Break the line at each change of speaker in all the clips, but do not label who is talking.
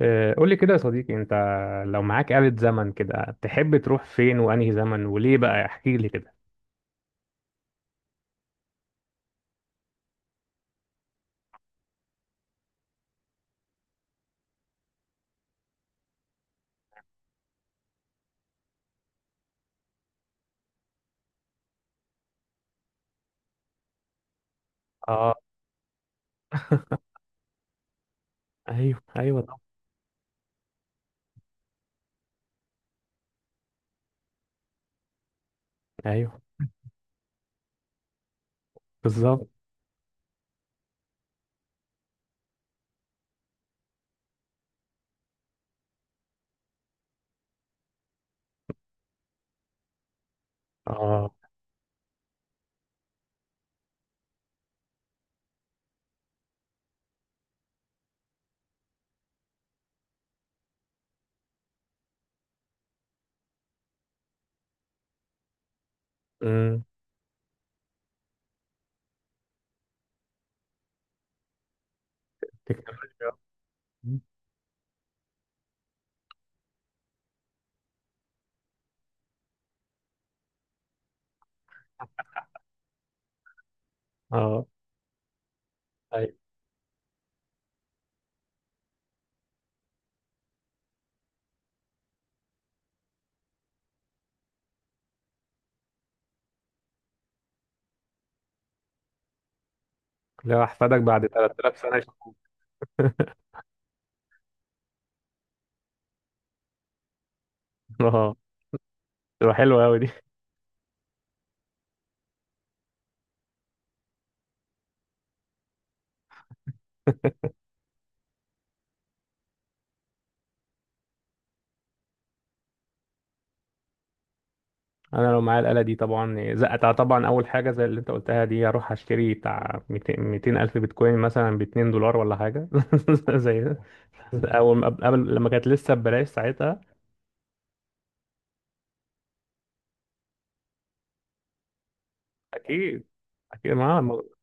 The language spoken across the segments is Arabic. قول لي كده يا صديقي، انت لو معاك آلة زمن كده تحب تروح فين وانهي زمن وليه؟ بقى احكي لي كده. اه. ايوه، ايوه، طبعا. ايوه. بالظبط. اه. امم. تكنولوجيا. اه. ايوه، لو احفادك بعد 3000 سنة. اه، تبقى حلوة قوي دي. انا لو معايا الآلة دي طبعا زقتها، طبعا اول حاجة زي اللي انت قلتها دي، اروح اشتري بتاع 200 الف بيتكوين مثلا، ب 2 دولار ولا حاجة. زي اول ما قبل لما كانت لسه ببلاش ساعتها. اكيد. اكيد معاها الموضوع.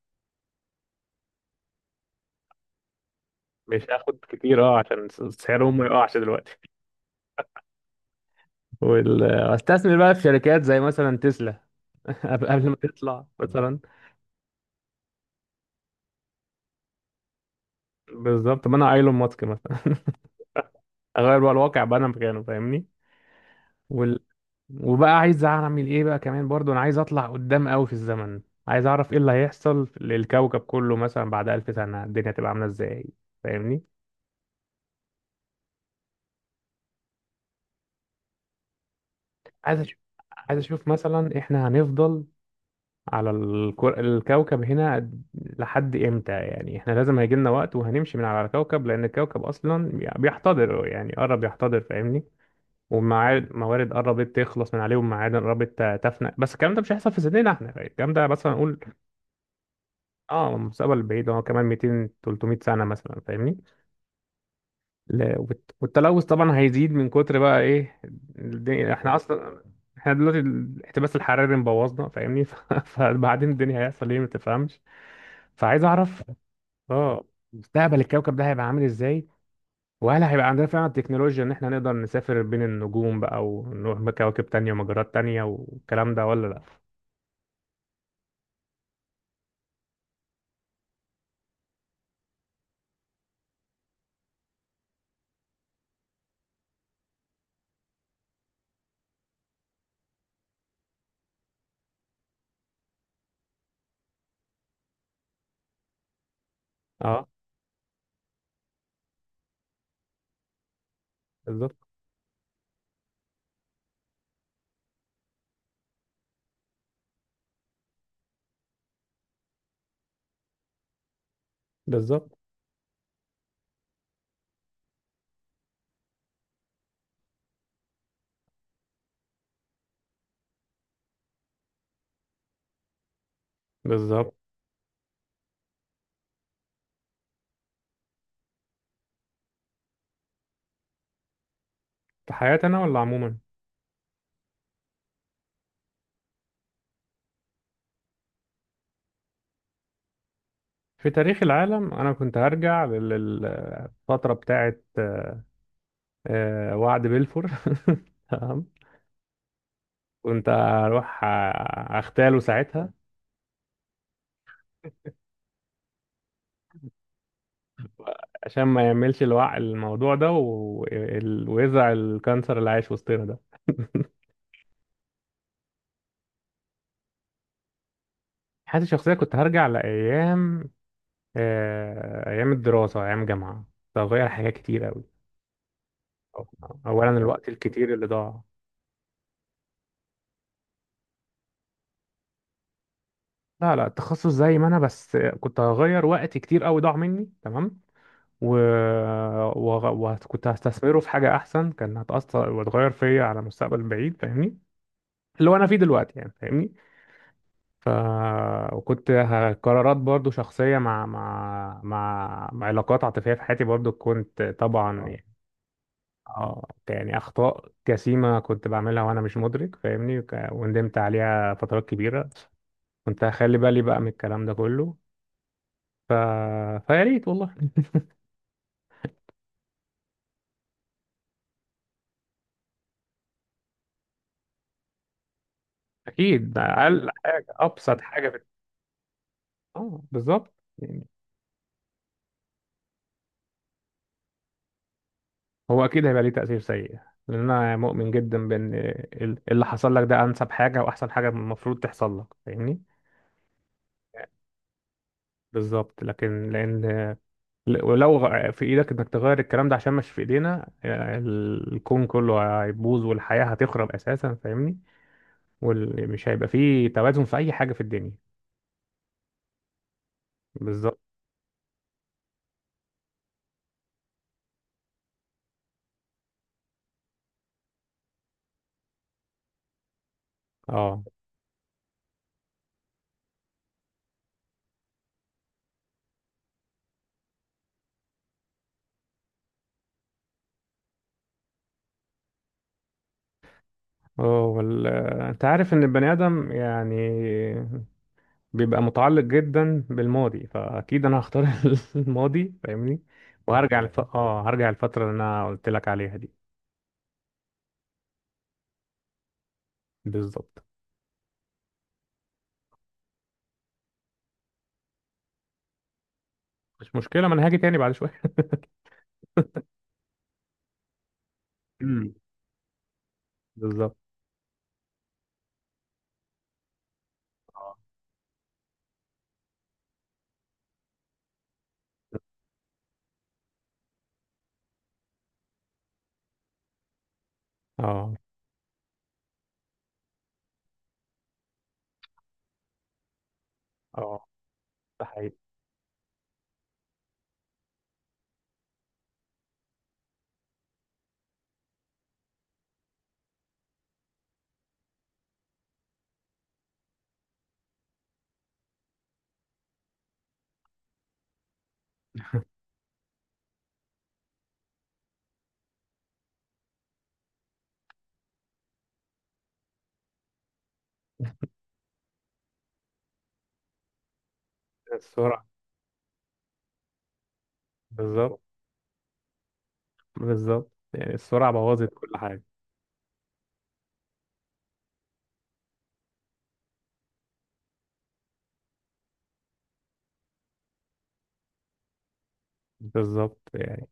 مش هاخد كتير، عشان سعرهم ما يقعش دلوقتي. واستثمر بقى في شركات زي مثلا تسلا. قبل ما تطلع مثلا. بالظبط، ما انا ايلون ماسك مثلا. اغير بقى الواقع، بقى انا مكانه، فاهمني؟ وال... وبقى عايز اعمل ايه بقى؟ كمان برضو انا عايز اطلع قدام قوي في الزمن. عايز اعرف ايه اللي هيحصل للكوكب كله مثلا بعد 1000 سنة، الدنيا تبقى عاملة ازاي، فاهمني؟ عايز اشوف. عايز اشوف مثلا احنا هنفضل على الكوكب هنا لحد امتى، يعني احنا لازم هيجي لنا وقت، وهنمشي من على الكوكب، لان الكوكب اصلا بيحتضر، يعني قرب يحتضر، فاهمني؟ والموارد قربت تخلص من عليه، والمعادن قربت تفنى، بس الكلام ده مش هيحصل في سننا احنا، الكلام ده مثلا نقول. اه المستقبل البعيد هو كمان 200 300 سنة مثلا، فاهمني؟ والتلوث طبعا هيزيد من كتر بقى ايه؟ الدنيا، احنا اصلا احنا دلوقتي الاحتباس الحراري مبوظنا، فاهمني؟ فبعدين الدنيا هيحصل ايه، ما تفهمش. فعايز اعرف. اه، مستقبل الكوكب ده هيبقى عامل ازاي، وهل هيبقى عندنا فعلا التكنولوجيا ان احنا نقدر نسافر بين النجوم بقى، ونروح بكواكب تانية ومجرات تانية والكلام ده، ولا لا؟ اه. بالظبط، بالظبط، بالظبط. في حياتي انا، ولا عموما؟ في تاريخ العالم انا كنت هرجع للفترة بتاعت وعد بلفور. تمام. كنت هروح اغتاله ساعتها. عشان ما يعملش الوع الموضوع ده، ويزرع الكانسر اللي عايش وسطنا ده. حياتي الشخصية كنت هرجع لأيام، أيام الدراسة، أيام جامعة، كنت هغير حاجات كتير أوي. أولا الوقت الكتير اللي ضاع. لا، لا، التخصص زي ما أنا، بس كنت هغير وقت كتير أوي ضاع مني، تمام. و... وغ- وكنت هستثمره في حاجة أحسن، كان هتأثر وتغير فيا على مستقبل بعيد، فاهمني؟ اللي هو أنا فيه دلوقتي يعني، فاهمني؟ ف وكنت قرارات برضو شخصية، مع علاقات عاطفية في حياتي، برضو كنت طبعا يعني اه يعني أخطاء جسيمة كنت بعملها وأنا مش مدرك، فاهمني؟ وندمت عليها فترات كبيرة. كنت هخلي بالي بقى من الكلام ده كله. ف... فيا ريت والله. أكيد ده أقل حاجة، أبسط حاجة في. اه، بالظبط يعني. هو اكيد هيبقى ليه تأثير سيء، لان انا مؤمن جدا بان اللي حصل لك ده انسب حاجة، واحسن حاجة المفروض تحصل لك، فاهمني؟ بالظبط، لكن لان ولو في ايدك انك تغير الكلام ده، عشان مش في ايدينا، الكون كله هيبوظ والحياة هتخرب اساسا، فاهمني؟ ومش هيبقى فيه توازن في اي حاجة في الدنيا. بالظبط. اه، اه، انت عارف ان البني ادم يعني بيبقى متعلق جدا بالماضي، فاكيد انا هختار الماضي، فاهمني؟ وهرجع لف... اه هرجع الفتره اللي انا قلت لك عليها دي. بالظبط. مش مشكله، ما انا هاجي تاني بعد شويه. امم. بالظبط. اه، اه، اه. ده حقيقي. السرعه. بالظبط. بالظبط، يعني السرعه بوظت كل حاجه. بالظبط يعني.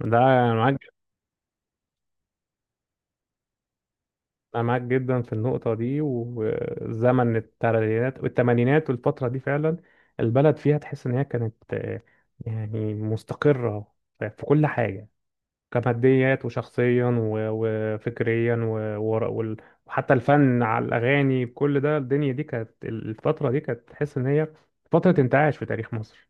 ده انا معاك. أنا معاك جدا في النقطة دي، وزمن التلاتينات والتمانينات والفترة دي فعلا، البلد فيها تحس إن هي كانت يعني مستقرة في كل حاجة، كماديات وشخصيا وفكريا وحتى الفن على الأغاني كل ده، الدنيا دي كانت، الفترة دي كانت تحس إن هي فترة انتعاش في تاريخ مصر.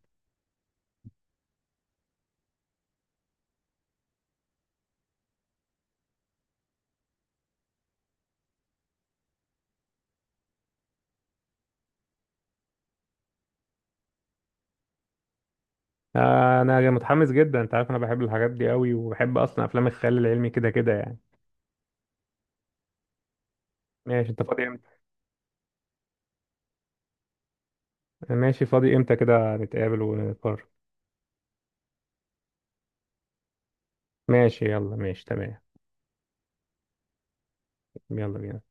أنا متحمس جدا، أنت عارف أنا بحب الحاجات دي قوي، وبحب أصلا أفلام الخيال العلمي كده كده يعني. ماشي، أنت فاضي؟ ماشي، فاضي امتى كده نتقابل ونقرر؟ ماشي، يلا ماشي تمام. يلا بينا.